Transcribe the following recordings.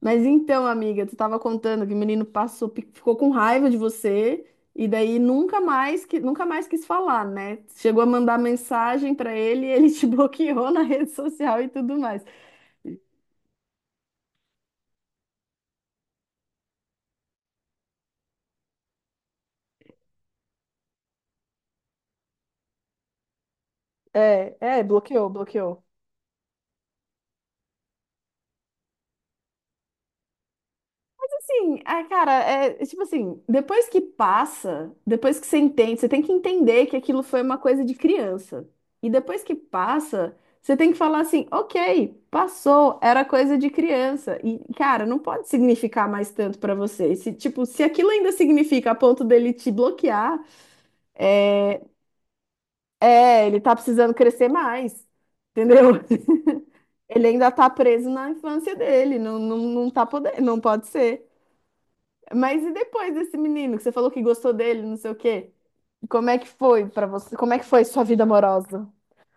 Mas então, amiga, tu tava contando que o menino passou, ficou com raiva de você e daí nunca mais quis falar, né? Chegou a mandar mensagem pra ele, e ele te bloqueou na rede social e tudo mais. É, bloqueou, bloqueou. Sim, ah, cara, é tipo assim, depois que passa, depois que você entende, você tem que entender que aquilo foi uma coisa de criança. E depois que passa, você tem que falar assim, ok, passou, era coisa de criança. E, cara, não pode significar mais tanto pra você. Se, tipo, se aquilo ainda significa a ponto dele te bloquear, é, é, ele tá precisando crescer mais, entendeu? Ele ainda tá preso na infância dele, não, não, não tá podendo, não pode ser. Mas e depois desse menino que você falou que gostou dele, não sei o quê? Como é que foi pra você? Como é que foi sua vida amorosa?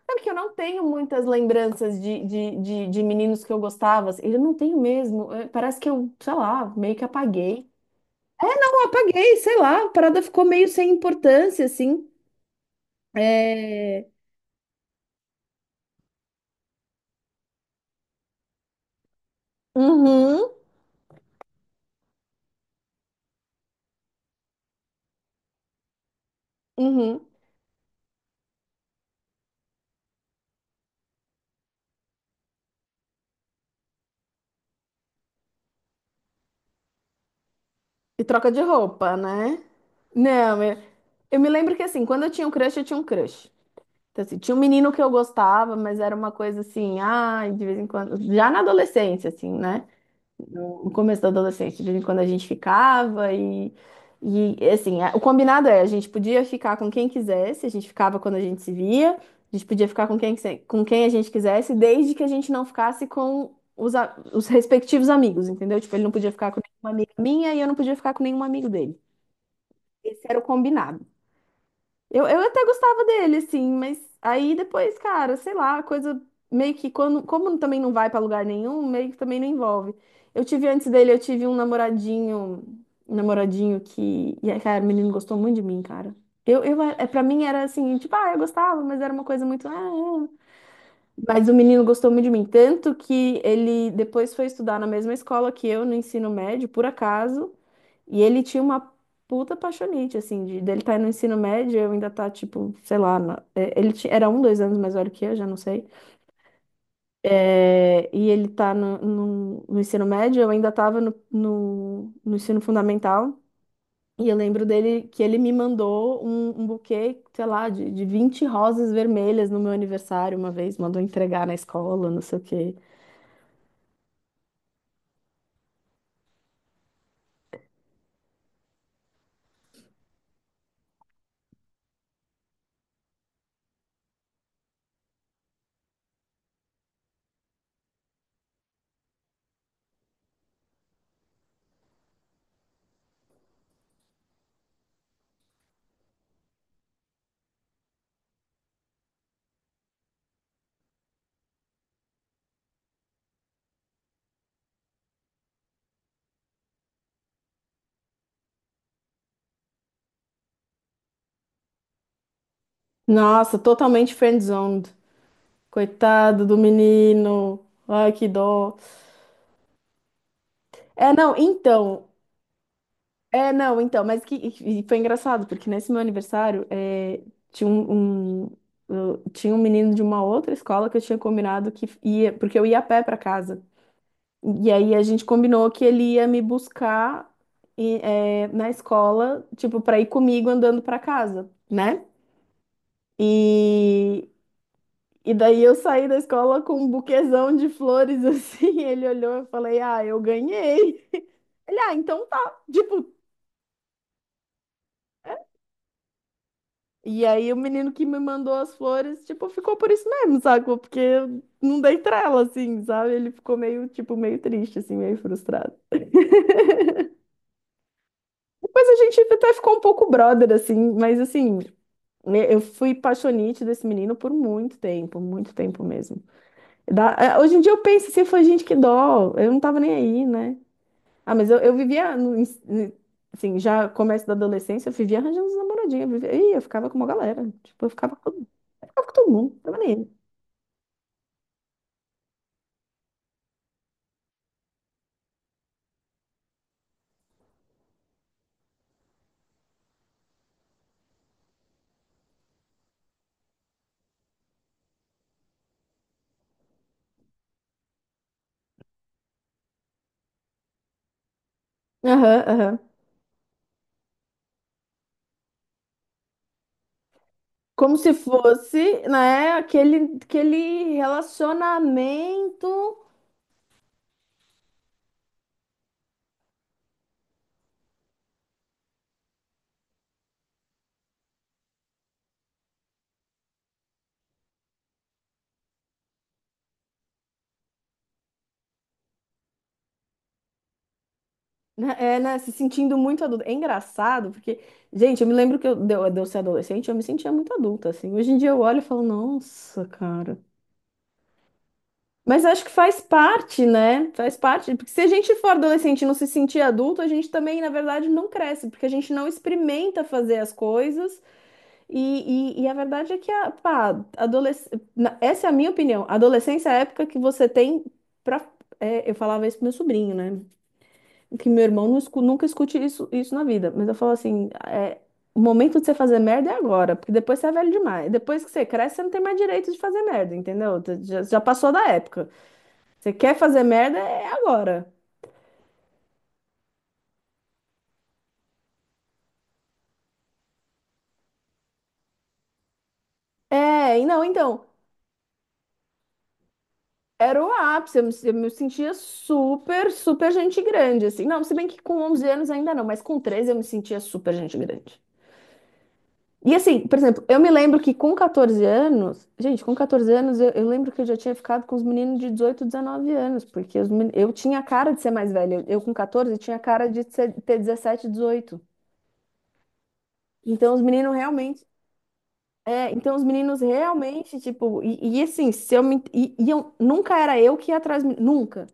Sabe que eu não tenho muitas lembranças de meninos que eu gostava. Assim, eu não tenho mesmo. É, parece que eu, sei lá, meio que apaguei. Eu apaguei, sei lá, a parada ficou meio sem importância, assim. É... Uhum, uhum. E troca de roupa, né? Não, eu me lembro que assim, quando eu tinha um crush, eu tinha um crush. Então, assim, tinha um menino que eu gostava, mas era uma coisa assim, ai, de vez em quando, já na adolescência, assim, né? No começo da adolescência, de vez em quando a gente ficava e assim, o combinado é, a gente podia ficar com quem quisesse, a gente ficava quando a gente se via, a gente podia ficar com quem a gente quisesse, desde que a gente não ficasse com os respectivos amigos, entendeu? Tipo, ele não podia ficar com nenhuma amiga minha e eu não podia ficar com nenhum amigo dele. Esse era o combinado. Eu até gostava dele, assim, mas aí depois, cara, sei lá, a coisa meio que quando, como também não vai pra lugar nenhum, meio que também não envolve. Eu tive antes dele, eu tive um namoradinho que, e aí, cara, o menino gostou muito de mim, cara. Eu, pra mim era assim, tipo, ah, eu gostava, mas era uma coisa muito, ah, é. Mas o menino gostou muito de mim, tanto que ele depois foi estudar na mesma escola que eu no ensino médio, por acaso, e ele tinha uma puta apaixonite, assim, dele tá no ensino médio, eu ainda tá, tipo, sei lá, ele era um, dois anos mais velho que eu, já não sei, é, e ele tá no ensino médio, eu ainda tava no ensino fundamental, e eu lembro dele que ele me mandou um buquê, sei lá, de 20 rosas vermelhas no meu aniversário uma vez, mandou entregar na escola, não sei o quê. Nossa, totalmente friendzoned. Coitado do menino. Ai, que dó. É, não, então. É, não, então. Mas que, e foi engraçado, porque nesse meu aniversário tinha um, um- tinha um menino de uma outra escola que eu tinha combinado que ia, porque eu ia a pé pra casa. E aí a gente combinou que ele ia me buscar e, na escola, tipo, pra ir comigo andando pra casa, né? E, E daí eu saí da escola com um buquezão de flores assim. Ele olhou, eu falei: "Ah, eu ganhei". Ele: "Ah, então tá". Tipo, e aí o menino que me mandou as flores, tipo, ficou por isso mesmo, sacou? Porque eu não dei trela assim, sabe? Ele ficou meio, tipo, meio triste assim, meio frustrado. Depois a gente até ficou um pouco brother assim, mas assim, né, eu fui paixonite desse menino por muito tempo mesmo. Hoje em dia eu penso assim, foi gente que dó, eu não tava nem aí, né? Ah, mas eu, vivia, assim, já começo da adolescência, eu vivia arranjando as namoradinhas. Eu vivia, ih, eu ficava com uma galera. Tipo, eu ficava com todo mundo. Tava nem aí. Aham, aham. Como se fosse, né, aquele relacionamento, né, né, se sentindo muito adulta. É engraçado, porque, gente, eu me lembro que eu, de eu de eu ser adolescente, eu me sentia muito adulta, assim. Hoje em dia eu olho e falo, nossa, cara. Mas acho que faz parte, né? Faz parte. Porque se a gente for adolescente e não se sentir adulto, a gente também, na verdade, não cresce, porque a gente não experimenta fazer as coisas. E a verdade é que, a, pá. Adolesc... na- essa é a minha opinião. A adolescência é a época que você tem pra. Eu falava isso pro meu sobrinho, né? Que meu irmão não nunca escute isso na vida. Mas eu falo assim: o momento de você fazer merda é agora, porque depois você é velho demais. Depois que você cresce, você não tem mais direito de fazer merda, entendeu? Já passou da época. Você quer fazer merda? É agora. É, e não, então, era o ápice. Eu me sentia super, super gente grande, assim. Não, se bem que com 11 anos ainda não, mas com 13 eu me sentia super gente grande. E assim, por exemplo, eu me lembro que com 14 anos, gente, com 14 anos eu lembro que eu já tinha ficado com os meninos de 18 19 anos, porque os eu tinha cara de ser mais velha. Eu com 14 tinha cara de ter 17 18. Então os meninos realmente então os meninos realmente, tipo, e assim, se eu me, e eu, nunca era eu que ia atrás, de mim, nunca.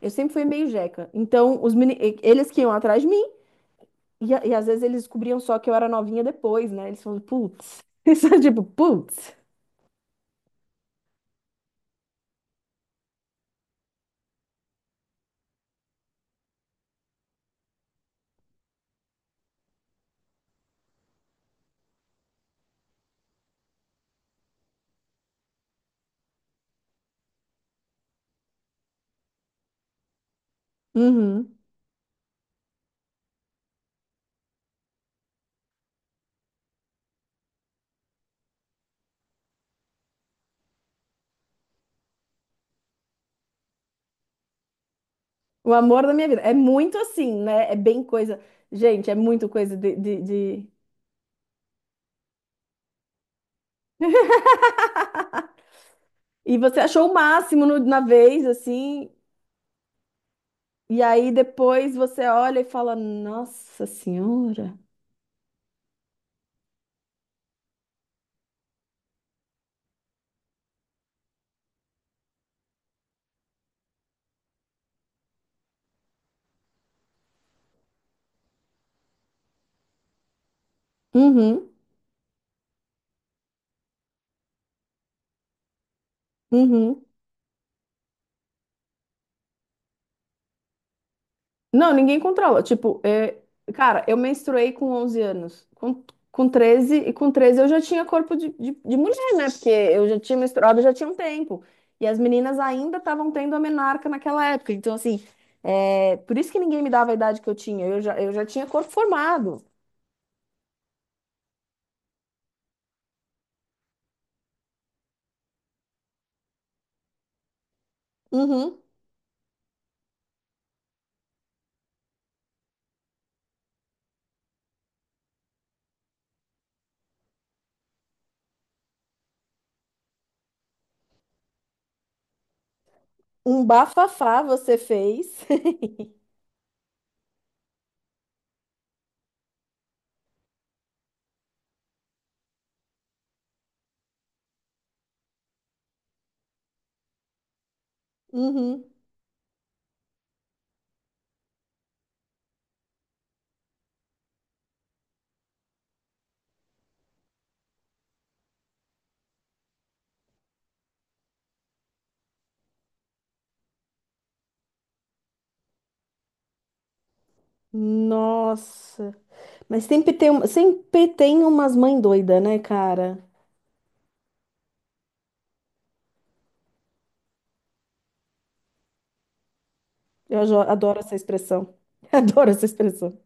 Eu sempre fui meio jeca. Então, eles que iam atrás de mim, e às vezes eles descobriam só que eu era novinha depois, né? Eles falam, putz, isso é tipo, putz. Uhum. O amor da minha vida. É muito assim, né? É bem coisa. Gente, é muito coisa de- E você achou o máximo na vez, assim, e aí depois você olha e fala, nossa senhora. Uhum. Uhum. Não, ninguém controla. Tipo, cara, eu menstruei com 11 anos. Com 13, e com 13 eu já tinha corpo de mulher, né? Porque eu já tinha menstruado, já tinha um tempo. E as meninas ainda estavam tendo a menarca naquela época. Então, assim, por isso que ninguém me dava a idade que eu tinha. Eu já tinha corpo formado. Uhum. Um bafafá você fez. Uhum. Nossa. Mas sempre tem umas mães doidas, né, cara? Eu adoro essa expressão. Adoro essa expressão.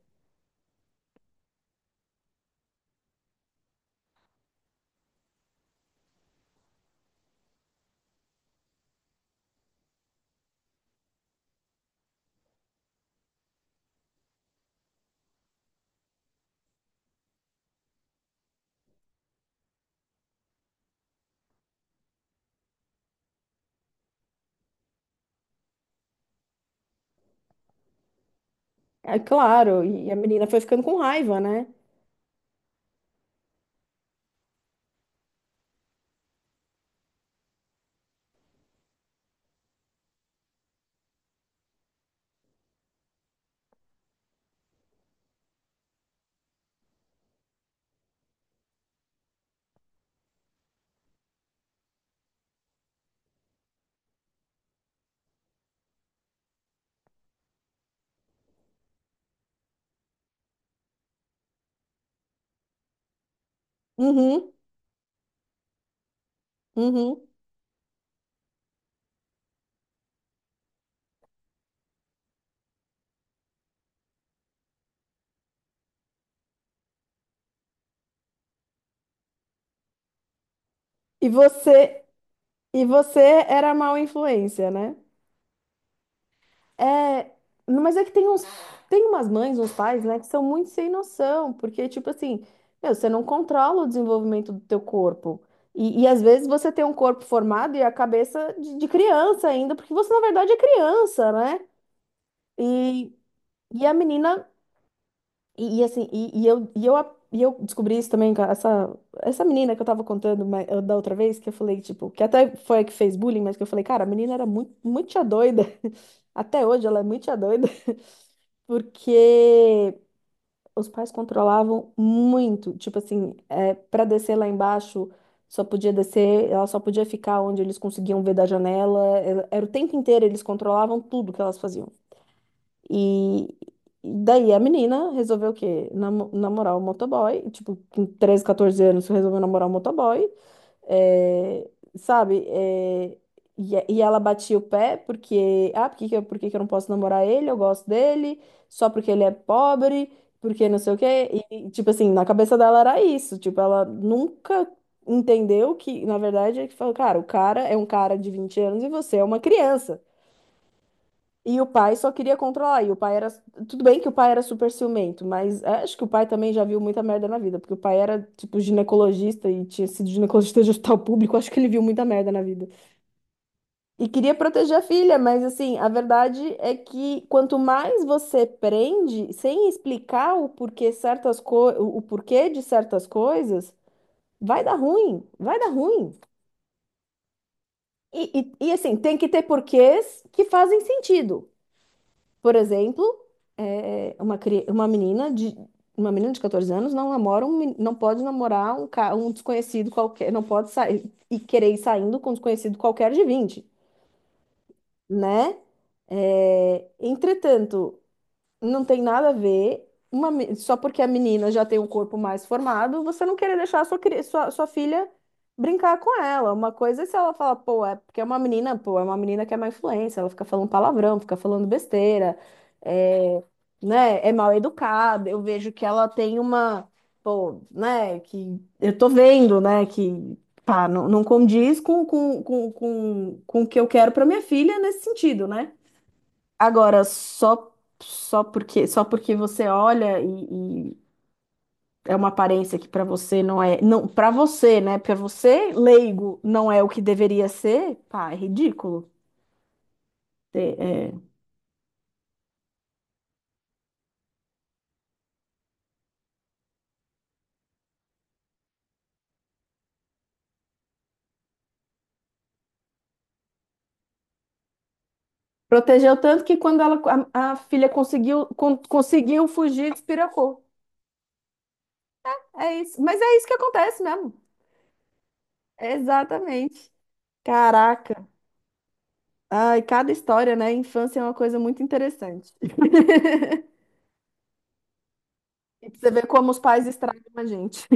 É claro, e a menina foi ficando com raiva, né? Uhum, uhum. E você, e você era mal influência, né? É, mas é que tem uns, tem umas mães, uns pais, né, que são muito sem noção, porque, tipo assim, meu, você não controla o desenvolvimento do teu corpo. E às vezes você tem um corpo formado e a cabeça de criança ainda, porque você, na verdade, é criança, né? E, e a menina e assim, e eu descobri isso também com essa menina que eu tava contando da outra vez, que eu falei, tipo, que até foi a que fez bullying, mas que eu falei, cara, a menina era muito, muito tia doida. Até hoje ela é muito tia doida, porque os pais controlavam muito. Tipo assim, para descer lá embaixo, só podia descer, ela só podia ficar onde eles conseguiam ver da janela. Era o tempo inteiro, eles controlavam tudo que elas faziam. E e daí a menina resolveu o quê? Namorar o motoboy. Tipo, com 13, 14 anos, resolveu namorar o motoboy. É, sabe? É, e ela batia o pé porque... Ah, por que que eu não posso namorar ele? Eu gosto dele. Só porque ele é pobre. Porque não sei o quê. E, tipo assim, na cabeça dela era isso. Tipo, ela nunca entendeu que, na verdade, é que falou, cara, o cara é um cara de 20 anos e você é uma criança. E o pai só queria controlar. E o pai era. Tudo bem que o pai era super ciumento, mas acho que o pai também já viu muita merda na vida, porque o pai era, tipo, ginecologista e tinha sido ginecologista de hospital público. Acho que ele viu muita merda na vida. E queria proteger a filha, mas assim, a verdade é que quanto mais você prende, sem explicar o porquê certas o porquê de certas coisas, vai dar ruim, vai dar ruim. E assim, tem que ter porquês que fazem sentido. Por exemplo, é, é, uma, cri- uma menina de uma menina de 14 anos não namora não pode namorar um desconhecido qualquer, não pode sair e querer ir saindo com um desconhecido qualquer de 20, né? É, entretanto, não tem nada a ver. Só porque a menina já tem um corpo mais formado, você não querer deixar a sua filha brincar com ela. Uma coisa é se ela fala, pô, é porque é uma menina, pô, é uma menina que é má influência, ela fica falando palavrão, fica falando besteira, é, né, é mal educada. Eu vejo que ela tem uma, pô, né, que eu tô vendo, né, que pá, não, não condiz com o que eu quero pra minha filha nesse sentido, né? Agora, só porque você olha e é uma aparência que para você não é, não, para você, né? Para você, leigo, não é o que deveria ser, pá, é ridículo. É, é. Protegeu tanto que quando ela, a filha conseguiu conseguiu fugir, despiracou. É isso. Mas é isso que acontece mesmo. Exatamente. Caraca. Ai, cada história, né? Infância é uma coisa muito interessante. E pra você ver como os pais estragam a gente.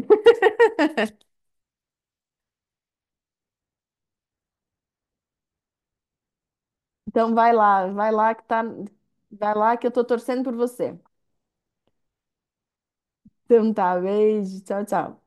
Então vai lá que tá, vai lá que eu tô torcendo por você. Então tá, beijo, tchau, tchau.